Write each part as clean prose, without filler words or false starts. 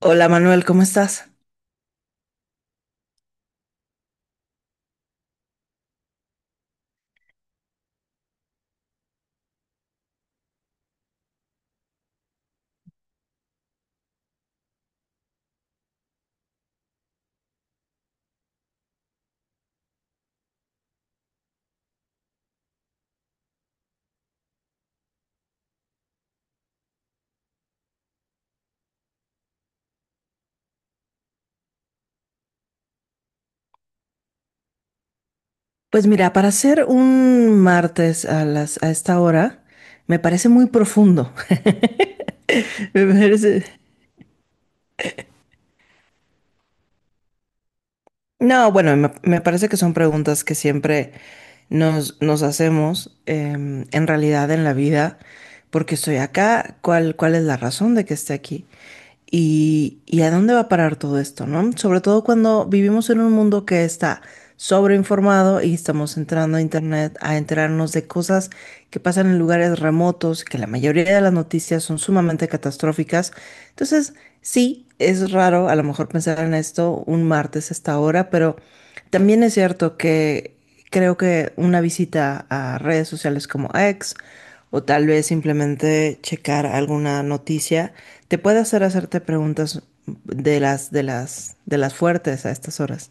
Hola Manuel, ¿cómo estás? Pues mira, para hacer un martes a a esta hora, me parece muy profundo. Me parece- No, bueno, me parece que son preguntas que siempre nos hacemos en realidad en la vida. ¿Porque estoy acá? ¿ cuál es la razón de que esté aquí? ¿ y a dónde va a parar todo esto, ¿no? Sobre todo cuando vivimos en un mundo que está sobreinformado y estamos entrando a internet a enterarnos de cosas que pasan en lugares remotos, que la mayoría de las noticias son sumamente catastróficas. Entonces, sí, es raro a lo mejor pensar en esto un martes a esta hora, pero también es cierto que creo que una visita a redes sociales como X o tal vez simplemente checar alguna noticia te puede hacer hacerte preguntas de de las fuertes a estas horas.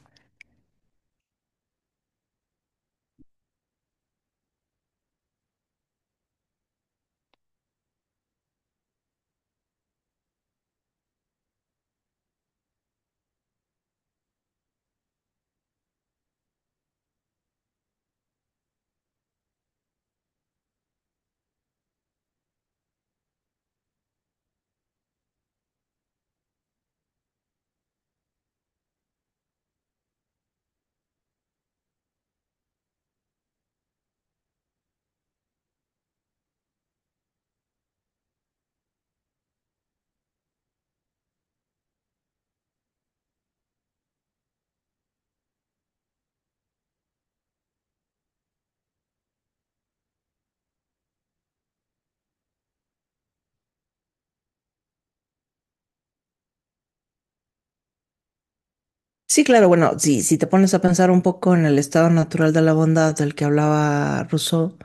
Sí, claro, bueno, sí, si te pones a pensar un poco en el estado natural de la bondad del que hablaba Rousseau,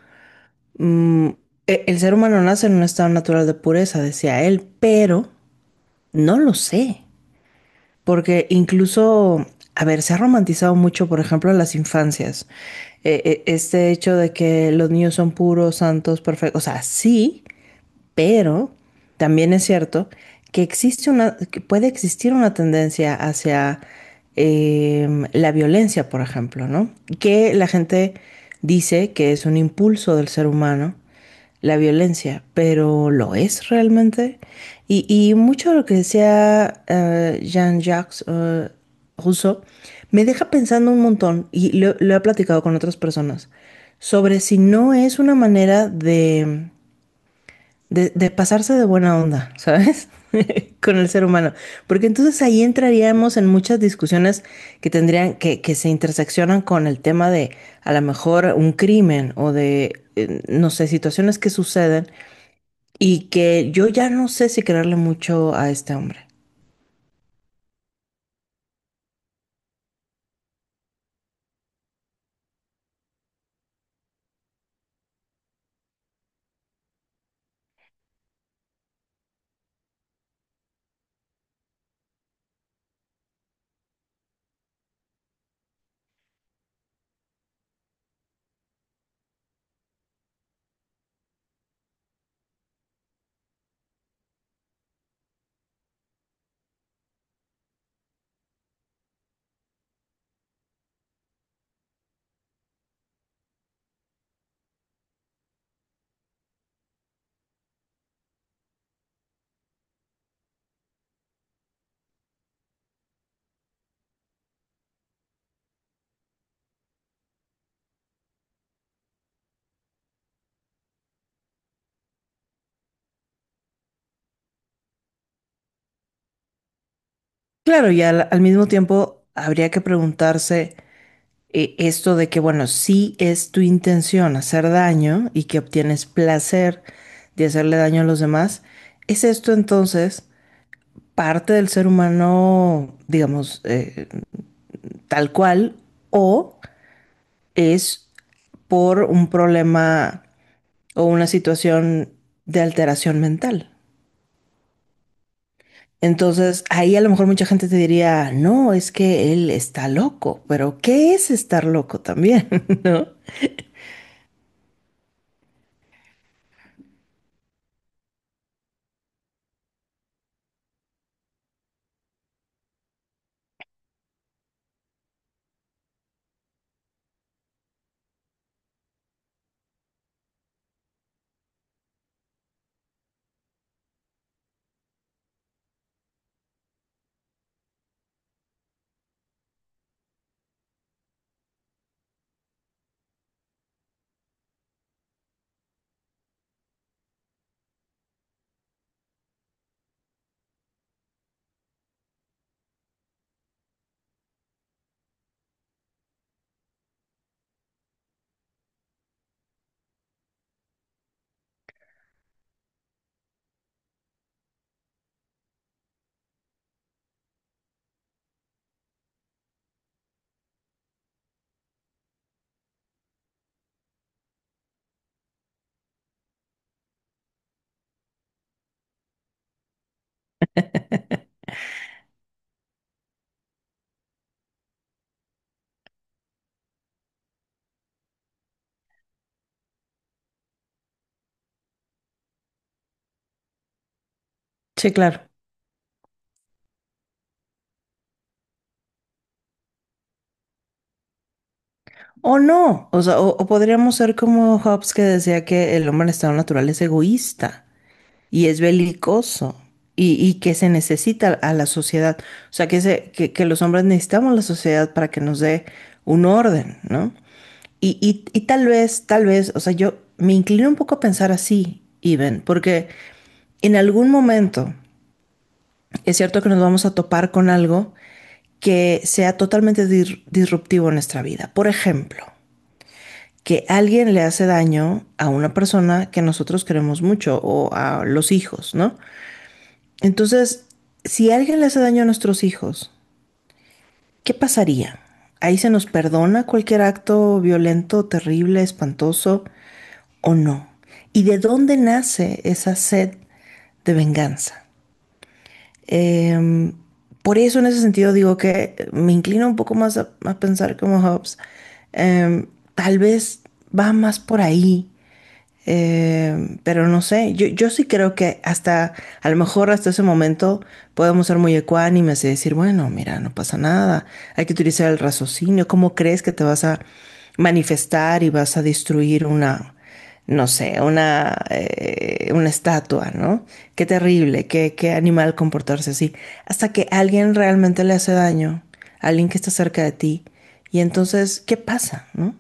mm, el ser humano nace en un estado natural de pureza, decía él, pero no lo sé, porque incluso, a ver, se ha romantizado mucho, por ejemplo, las infancias. Este hecho de que los niños son puros, santos, perfectos, o sea, sí, pero también es cierto que existe una, que puede existir una tendencia hacia la violencia, por ejemplo, ¿no? Que la gente dice que es un impulso del ser humano, la violencia, pero ¿lo es realmente? Y mucho de lo que decía Jean-Jacques Rousseau me deja pensando un montón, y lo he platicado con otras personas, sobre si no es una manera de de pasarse de buena onda, ¿sabes? Con el ser humano. Porque entonces ahí entraríamos en muchas discusiones que tendrían, que se interseccionan con el tema de a lo mejor un crimen o de, no sé, situaciones que suceden y que yo ya no sé si creerle mucho a este hombre. Claro, y al mismo tiempo habría que preguntarse esto de que, bueno, sí es tu intención hacer daño y que obtienes placer de hacerle daño a los demás, ¿es esto entonces parte del ser humano, digamos, tal cual, o es por un problema o una situación de alteración mental? Entonces, ahí a lo mejor mucha gente te diría, no, es que él está loco, pero ¿qué es estar loco también? ¿No? Sí, claro. O no, o sea, o podríamos ser como Hobbes, que decía que el hombre en estado natural es egoísta y es belicoso y que se necesita a la sociedad, o sea, que los hombres necesitamos la sociedad para que nos dé un orden, ¿no? Y tal vez, o sea, yo me inclino un poco a pensar así, Iben, porque en algún momento es cierto que nos vamos a topar con algo que sea totalmente disruptivo en nuestra vida. Por ejemplo, que alguien le hace daño a una persona que nosotros queremos mucho o a los hijos, ¿no? Entonces, si alguien le hace daño a nuestros hijos, ¿qué pasaría? ¿Ahí se nos perdona cualquier acto violento, terrible, espantoso o no? ¿Y de dónde nace esa sed de venganza? Eh, por eso en ese sentido digo que me inclino un poco más a pensar como Hobbes. Eh, Tal vez va más por ahí. Pero no sé, yo sí creo que hasta, a lo mejor hasta ese momento podemos ser muy ecuánimes y decir, bueno, mira, no pasa nada, hay que utilizar el raciocinio. ¿Cómo crees que te vas a manifestar y vas a destruir una, no sé, una estatua, ¿no? Qué terrible, qué animal comportarse así, hasta que alguien realmente le hace daño, alguien que está cerca de ti, y entonces, ¿qué pasa, no?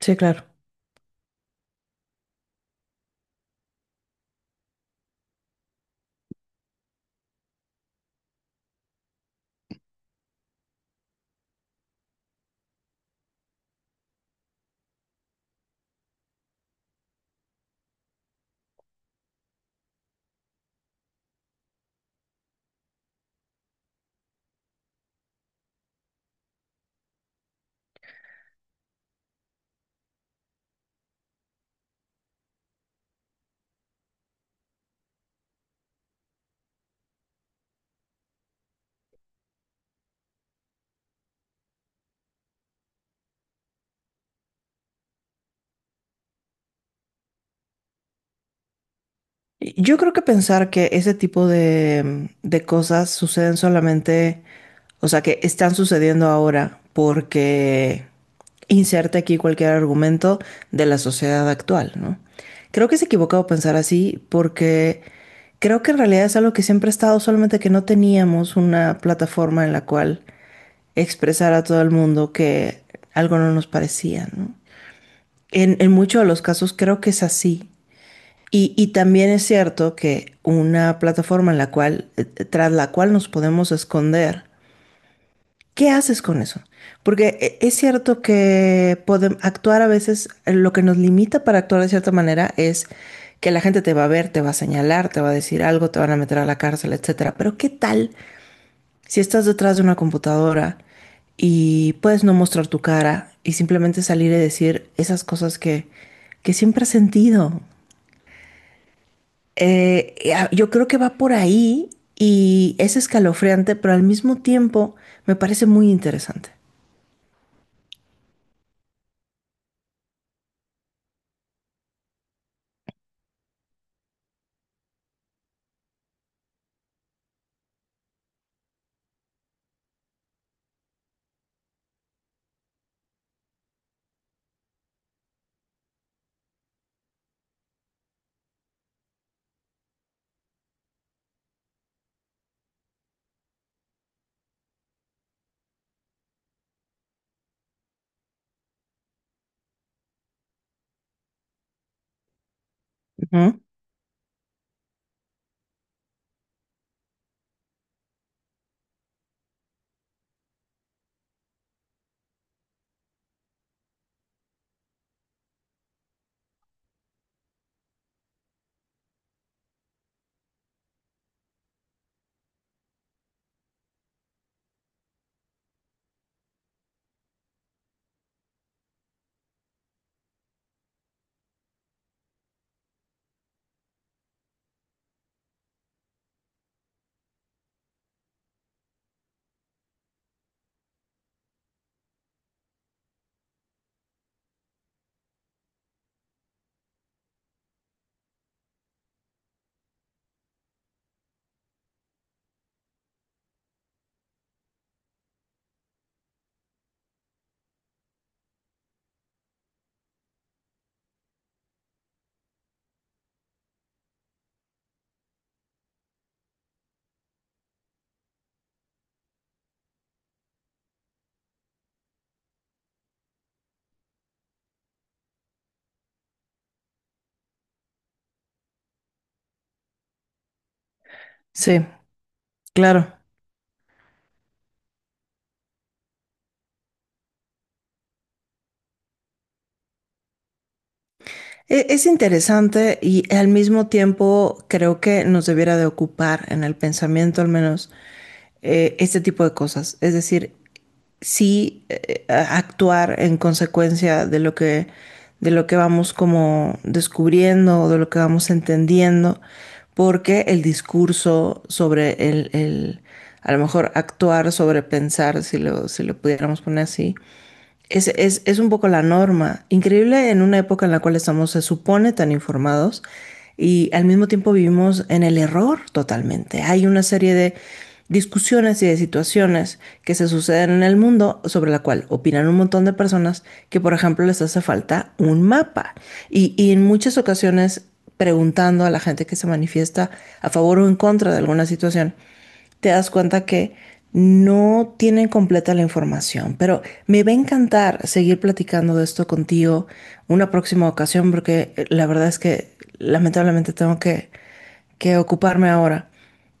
Sí, claro. Yo creo que pensar que ese tipo de, de cosas suceden solamente, o sea, que están sucediendo ahora porque inserte aquí cualquier argumento de la sociedad actual, ¿no? Creo que es equivocado pensar así porque creo que en realidad es algo que siempre ha estado, solamente que no teníamos una plataforma en la cual expresar a todo el mundo que algo no nos parecía, ¿no? En muchos de los casos creo que es así. Y también es cierto que una plataforma en la cual, tras la cual nos podemos esconder, ¿qué haces con eso? Porque es cierto que actuar a veces, lo que nos limita para actuar de cierta manera es que la gente te va a ver, te va a señalar, te va a decir algo, te van a meter a la cárcel, etcétera. Pero ¿qué tal si estás detrás de una computadora y puedes no mostrar tu cara y simplemente salir y decir esas cosas que siempre has sentido? Yo creo que va por ahí y es escalofriante, pero al mismo tiempo me parece muy interesante. Ujú. Sí, claro. Es interesante y al mismo tiempo creo que nos debiera de ocupar en el pensamiento al menos este tipo de cosas. Es decir, sí, actuar en consecuencia de lo que vamos como descubriendo o de lo que vamos entendiendo, porque el discurso sobre a lo mejor actuar sobre pensar, si si lo pudiéramos poner así, es un poco la norma. Increíble en una época en la cual estamos, se supone, tan informados y al mismo tiempo vivimos en el error totalmente. Hay una serie de discusiones y de situaciones que se suceden en el mundo sobre la cual opinan un montón de personas que, por ejemplo, les hace falta un mapa. Y en muchas ocasiones preguntando a la gente que se manifiesta a favor o en contra de alguna situación, te das cuenta que no tienen completa la información, pero me va a encantar seguir platicando de esto contigo una próxima ocasión porque la verdad es que lamentablemente tengo que ocuparme ahora.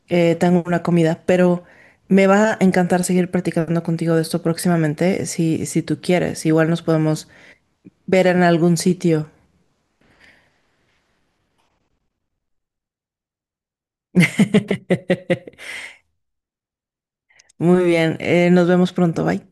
Tengo una comida, pero me va a encantar seguir platicando contigo de esto próximamente si, si tú quieres. Igual nos podemos ver en algún sitio. Muy bien, nos vemos pronto, bye.